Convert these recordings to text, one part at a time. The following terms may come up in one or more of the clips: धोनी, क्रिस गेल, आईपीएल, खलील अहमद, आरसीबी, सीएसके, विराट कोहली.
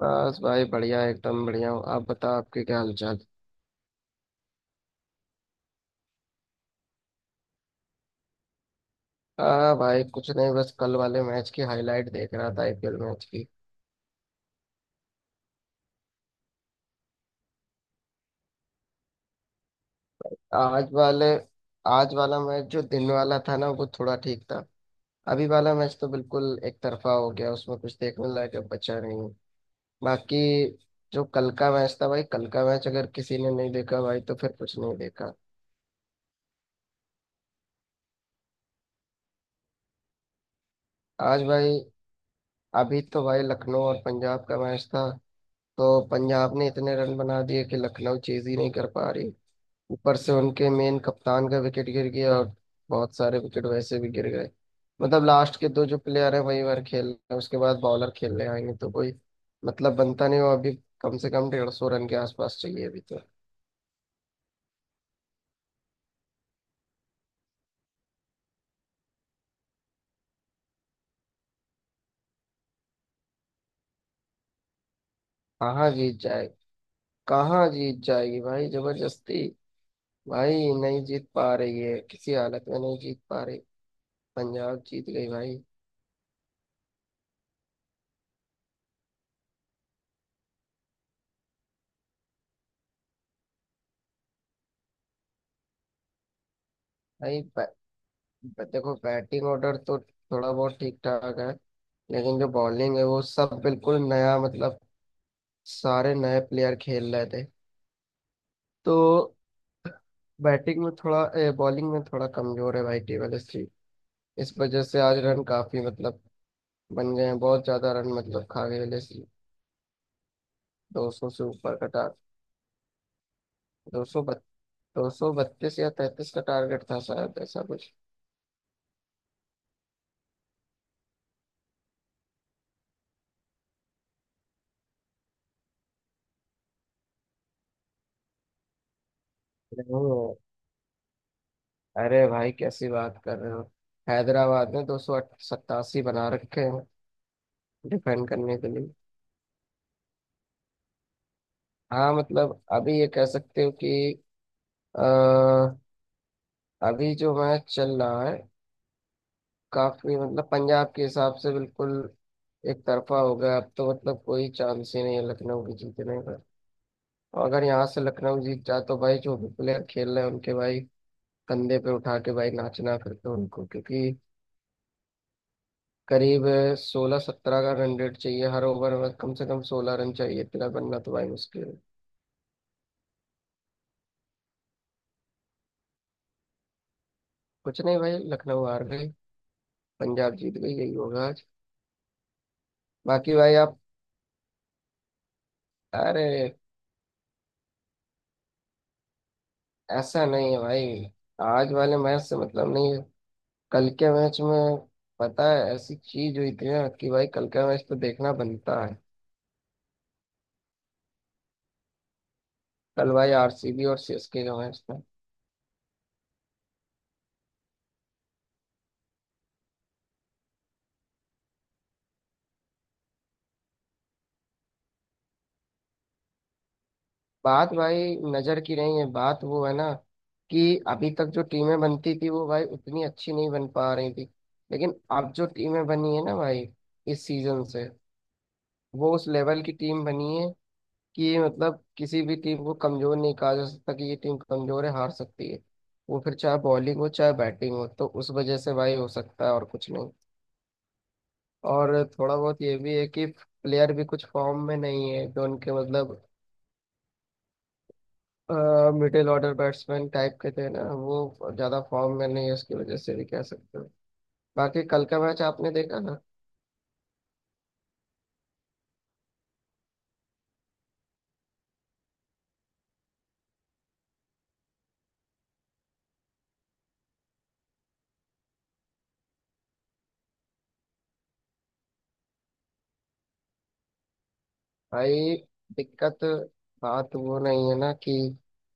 बस भाई बढ़िया, एकदम बढ़िया हूँ। आप बताओ, आपके क्या हालचाल। आ भाई, कुछ नहीं, बस कल वाले मैच की हाईलाइट देख रहा था, आईपीएल मैच की। आज वाले आज वाला मैच जो दिन वाला था ना, वो थोड़ा ठीक था। अभी वाला मैच तो बिल्कुल एक तरफा हो गया, उसमें कुछ देखने लायक अब बचा नहीं। बाकी जो कल का मैच था भाई, कल का मैच अगर किसी ने नहीं देखा भाई, तो फिर कुछ नहीं देखा। आज भाई, अभी तो भाई लखनऊ और पंजाब का मैच था। तो पंजाब ने इतने रन बना दिए कि लखनऊ चीज ही नहीं कर पा रही। ऊपर से उनके मेन कप्तान का विकेट गिर गया, और बहुत सारे विकेट वैसे भी गिर गए। मतलब लास्ट के दो जो प्लेयर हैं वही बार खेल रहे हैं, उसके बाद बॉलर खेलने आएंगे, तो कोई मतलब बनता नहीं वो अभी। कम से कम 150 रन के आसपास चाहिए अभी तो। कहाँ जीत जाए, कहाँ जीत जाएगी भाई जबरदस्ती। भाई नहीं जीत पा रही है, किसी हालत में नहीं जीत पा रही। पंजाब जीत गई भाई। भाई देखो, बैटिंग ऑर्डर तो थोड़ा बहुत ठीक ठाक है, लेकिन जो बॉलिंग है वो सब बिल्कुल नया, मतलब सारे नए प्लेयर खेल रहे थे। तो बैटिंग में थोड़ा, बॉलिंग में थोड़ा कमजोर है भाई टेबल एससी। इस वजह से आज रन काफी, मतलब बन गए हैं बहुत ज्यादा रन, मतलब खा गए एलएससी। दो सौ से ऊपर का टार दो सौ बत, 232 या 233 का टारगेट था शायद, ऐसा कुछ। नहीं, अरे भाई कैसी बात कर रहे हो। हैदराबाद ने 287 बना रखे हैं डिफेंड करने के लिए। हाँ, मतलब अभी ये कह सकते हो कि अ, अभी जो मैच चल रहा है, काफी मतलब पंजाब के हिसाब से बिल्कुल एक तरफा हो गया। अब तो मतलब कोई चांस ही नहीं है लखनऊ के जीतने का। और अगर यहाँ से लखनऊ जीत जाए तो भाई जो भी प्लेयर खेल रहे हैं उनके भाई कंधे पे उठा के भाई नाचना फिर तो उनको, क्योंकि करीब सोलह सत्रह का रन रेट चाहिए हर ओवर में, कम से कम 16 रन चाहिए। इतना बनना तो भाई मुश्किल है। कुछ नहीं भाई, लखनऊ हार गई, पंजाब जीत गई, यही होगा आज। बाकी भाई आप, अरे ऐसा नहीं है भाई, आज वाले मैच से मतलब नहीं है। कल के मैच में पता है ऐसी चीज हुई थी ना कि भाई कल का मैच तो देखना बनता है। कल भाई आरसीबी और सीएसके का मैच था। बात भाई नजर की नहीं है, बात वो है ना कि अभी तक जो टीमें बनती थी वो भाई उतनी अच्छी नहीं बन पा रही थी, लेकिन अब जो टीमें बनी है ना भाई इस सीजन से, वो उस लेवल की टीम बनी है कि मतलब किसी भी टीम को कमजोर नहीं कहा जा सकता कि ये टीम कमजोर है हार सकती है। वो फिर चाहे बॉलिंग हो चाहे बैटिंग हो, तो उस वजह से भाई हो सकता है, और कुछ नहीं। और थोड़ा बहुत ये भी है कि प्लेयर भी कुछ फॉर्म में नहीं है, जो उनके मतलब मिडिल ऑर्डर बैट्समैन टाइप के थे ना वो ज्यादा फॉर्म में नहीं है, उसकी वजह से भी कह सकते हो। बाकी कल का मैच आपने देखा। भाई दिक्कत, बात वो नहीं है ना कि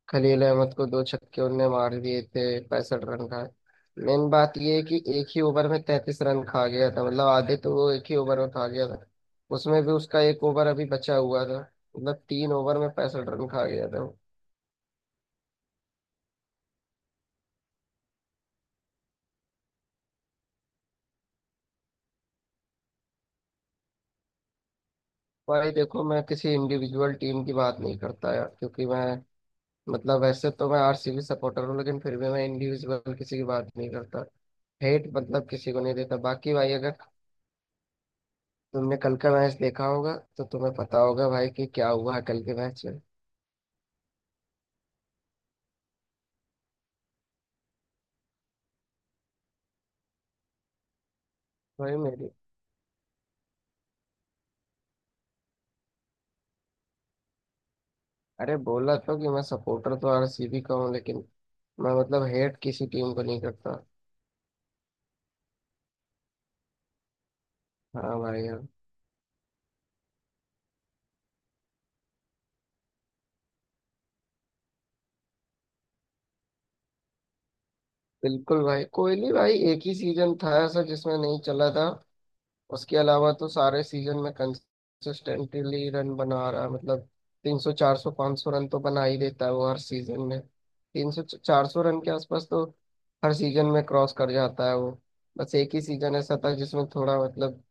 खलील अहमद को दो छक्के उनने मार दिए थे 65 रन का। मेन बात ये है कि एक ही ओवर में 33 रन खा गया था, मतलब आधे तो वो एक ही ओवर में खा गया था। उसमें भी उसका एक ओवर अभी बचा हुआ था, मतलब 3 ओवर में 65 रन खा गया था वो। भाई देखो, मैं किसी इंडिविजुअल टीम की बात नहीं करता यार, क्योंकि मैं, मतलब वैसे तो मैं आरसीबी सपोर्टर हूँ, लेकिन फिर भी मैं इंडिविजुअल किसी की बात नहीं करता। हेट मतलब किसी को नहीं देता। बाकी भाई अगर तुमने कल का मैच देखा होगा तो तुम्हें पता होगा भाई कि क्या हुआ है कल के मैच में। भाई मेरी अरे, बोला तो कि मैं सपोर्टर तो आरसीबी का हूँ, लेकिन मैं मतलब हेट किसी टीम को नहीं करता। हाँ भाई हाँ। बिल्कुल भाई। कोहली भाई एक ही सीजन था ऐसा जिसमें नहीं चला था, उसके अलावा तो सारे सीजन में कंसिस्टेंटली रन बना रहा है, मतलब 300 400 500 रन तो बना ही देता है वो हर सीजन में। 300 400 रन के आसपास तो हर सीजन में क्रॉस कर जाता है वो। बस एक ही सीजन ऐसा था जिसमें थोड़ा मतलब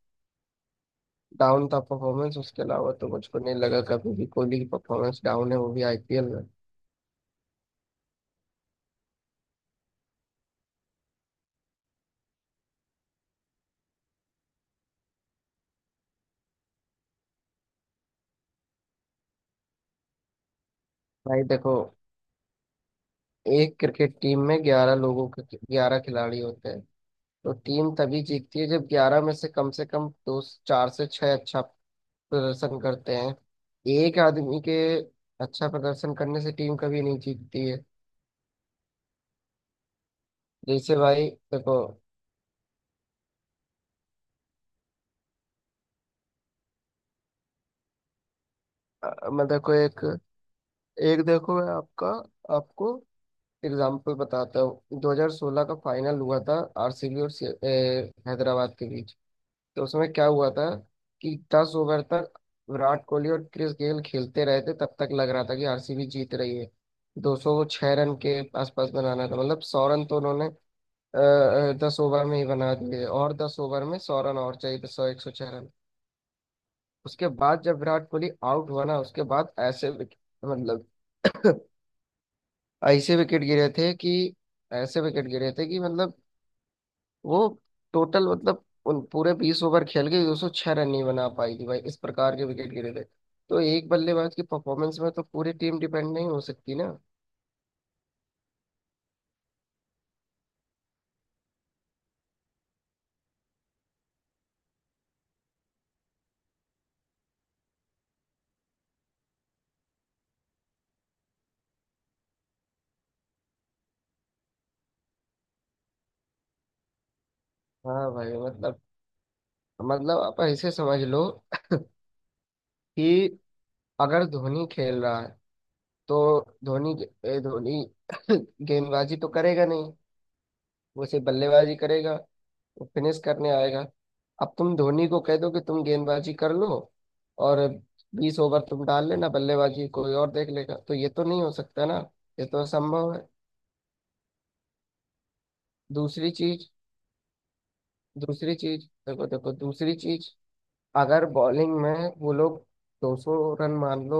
डाउन था परफॉर्मेंस, उसके अलावा तो मुझको नहीं लगा कभी भी कोहली की परफॉर्मेंस डाउन है, वो भी आईपीएल में। भाई देखो, एक क्रिकेट टीम में 11 लोगों के 11 खिलाड़ी होते हैं, तो टीम तभी जीतती है जब 11 में से कम से कम दो, चार से छह अच्छा प्रदर्शन करते हैं। एक आदमी के अच्छा प्रदर्शन करने से टीम कभी नहीं जीतती है। जैसे भाई देखो, मैं देखो एक एक देखो, मैं आपका आपको एग्जाम्पल बताता हूँ। 2016 का फाइनल हुआ था आरसीबी और हैदराबाद के बीच। तो उसमें क्या हुआ था कि 10 ओवर तक विराट कोहली और क्रिस गेल खेलते रहे थे, तब तक लग रहा था कि आरसीबी जीत रही है। 206 रन के आसपास बनाना था, मतलब सौ रन तो उन्होंने 10 ओवर में ही बना दिए, और 10 ओवर में सौ रन और चाहिए थे, सौ 106 रन। उसके बाद जब विराट कोहली आउट हुआ ना, उसके बाद ऐसे विकेट, मतलब ऐसे विकेट गिरे थे कि ऐसे विकेट गिरे थे कि, वो टोटल मतलब उन पूरे 20 ओवर खेल के 206 रन नहीं बना पाई थी भाई, इस प्रकार के विकेट गिरे थे। तो एक बल्लेबाज की परफॉर्मेंस में तो पूरी टीम डिपेंड नहीं हो सकती ना। हाँ भाई, मतलब आप ऐसे समझ लो कि अगर धोनी खेल रहा है तो धोनी, धोनी गेंदबाजी तो करेगा नहीं, वो सिर्फ बल्लेबाजी करेगा, वो फिनिश करने आएगा। अब तुम धोनी को कह दो कि तुम गेंदबाजी कर लो, और 20 ओवर तुम डाल लेना, बल्लेबाजी कोई और देख लेगा, तो ये तो नहीं हो सकता ना, ये तो असंभव है। दूसरी चीज, दूसरी चीज देखो देखो दूसरी चीज, अगर बॉलिंग में वो लोग 200 रन मान लो,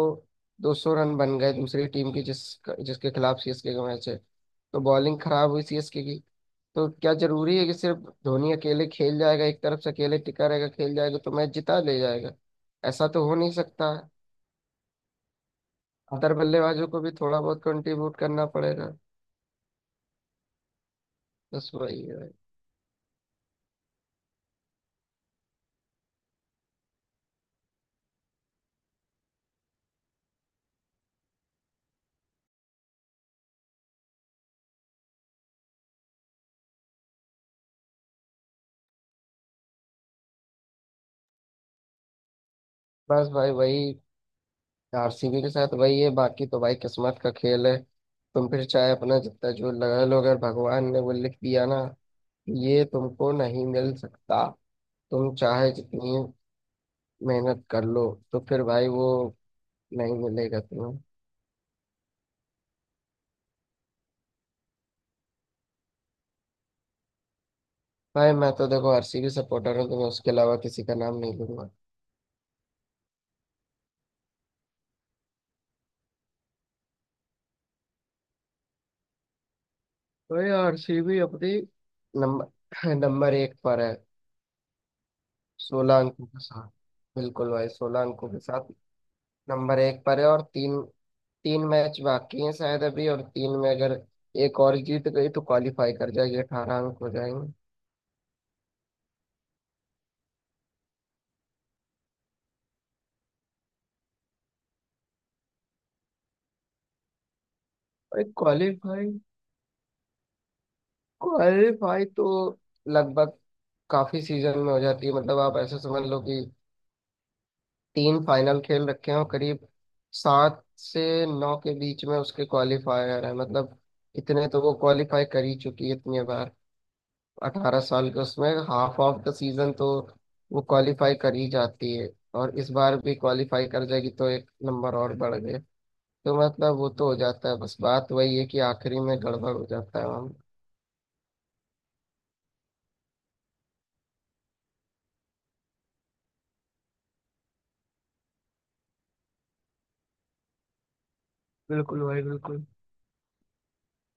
200 रन बन गए दूसरी टीम की, जिसके खिलाफ सीएसके का मैच है, तो बॉलिंग खराब हुई सीएसके की, तो क्या जरूरी है कि सिर्फ धोनी अकेले खेल जाएगा, एक तरफ से अकेले टिका रहेगा, खेल जाएगा तो मैच जिता ले जाएगा। ऐसा तो हो नहीं सकता है। अदर बल्लेबाजों को भी थोड़ा बहुत कंट्रीब्यूट करना पड़ेगा। बस वही है। बस भाई वही, आरसीबी के साथ वही है, बाकी तो भाई किस्मत का खेल है। तुम फिर चाहे अपना जितना जो लगा लो, अगर भगवान ने वो लिख दिया ना, ये तुमको नहीं मिल सकता, तुम चाहे जितनी मेहनत कर लो, तो फिर भाई वो नहीं मिलेगा तुम्हें। भाई मैं तो देखो आरसीबी सपोर्टर हूँ तो मैं उसके अलावा किसी का नाम नहीं लूंगा। भाई आरसीबी अपनी नंबर नंबर एक पर है, 16 अंकों के साथ। बिल्कुल भाई, 16 अंकों के साथ नंबर एक पर है। और तीन, तीन मैच बाकी हैं शायद अभी, और तीन में अगर एक और जीत गई तो क्वालिफाई कर जाएगी, 18 अंक हो जाएंगे। और क्वालिफाई, क्वालिफाई तो लगभग काफी सीजन में हो जाती है, मतलब आप ऐसे समझ लो कि तीन फाइनल खेल रखे हो, करीब 7 से 9 के बीच में उसके क्वालिफायर है, मतलब इतने तो वो क्वालिफाई कर ही चुकी है इतनी बार। 18 साल के उसमें हाफ ऑफ द सीजन तो वो क्वालिफाई कर ही जाती है, और इस बार भी क्वालिफाई कर जाएगी, तो एक नंबर और बढ़ गए। तो मतलब वो तो हो जाता है, बस बात वही है कि आखिरी में गड़बड़ हो जाता है हम। बिल्कुल भाई बिल्कुल।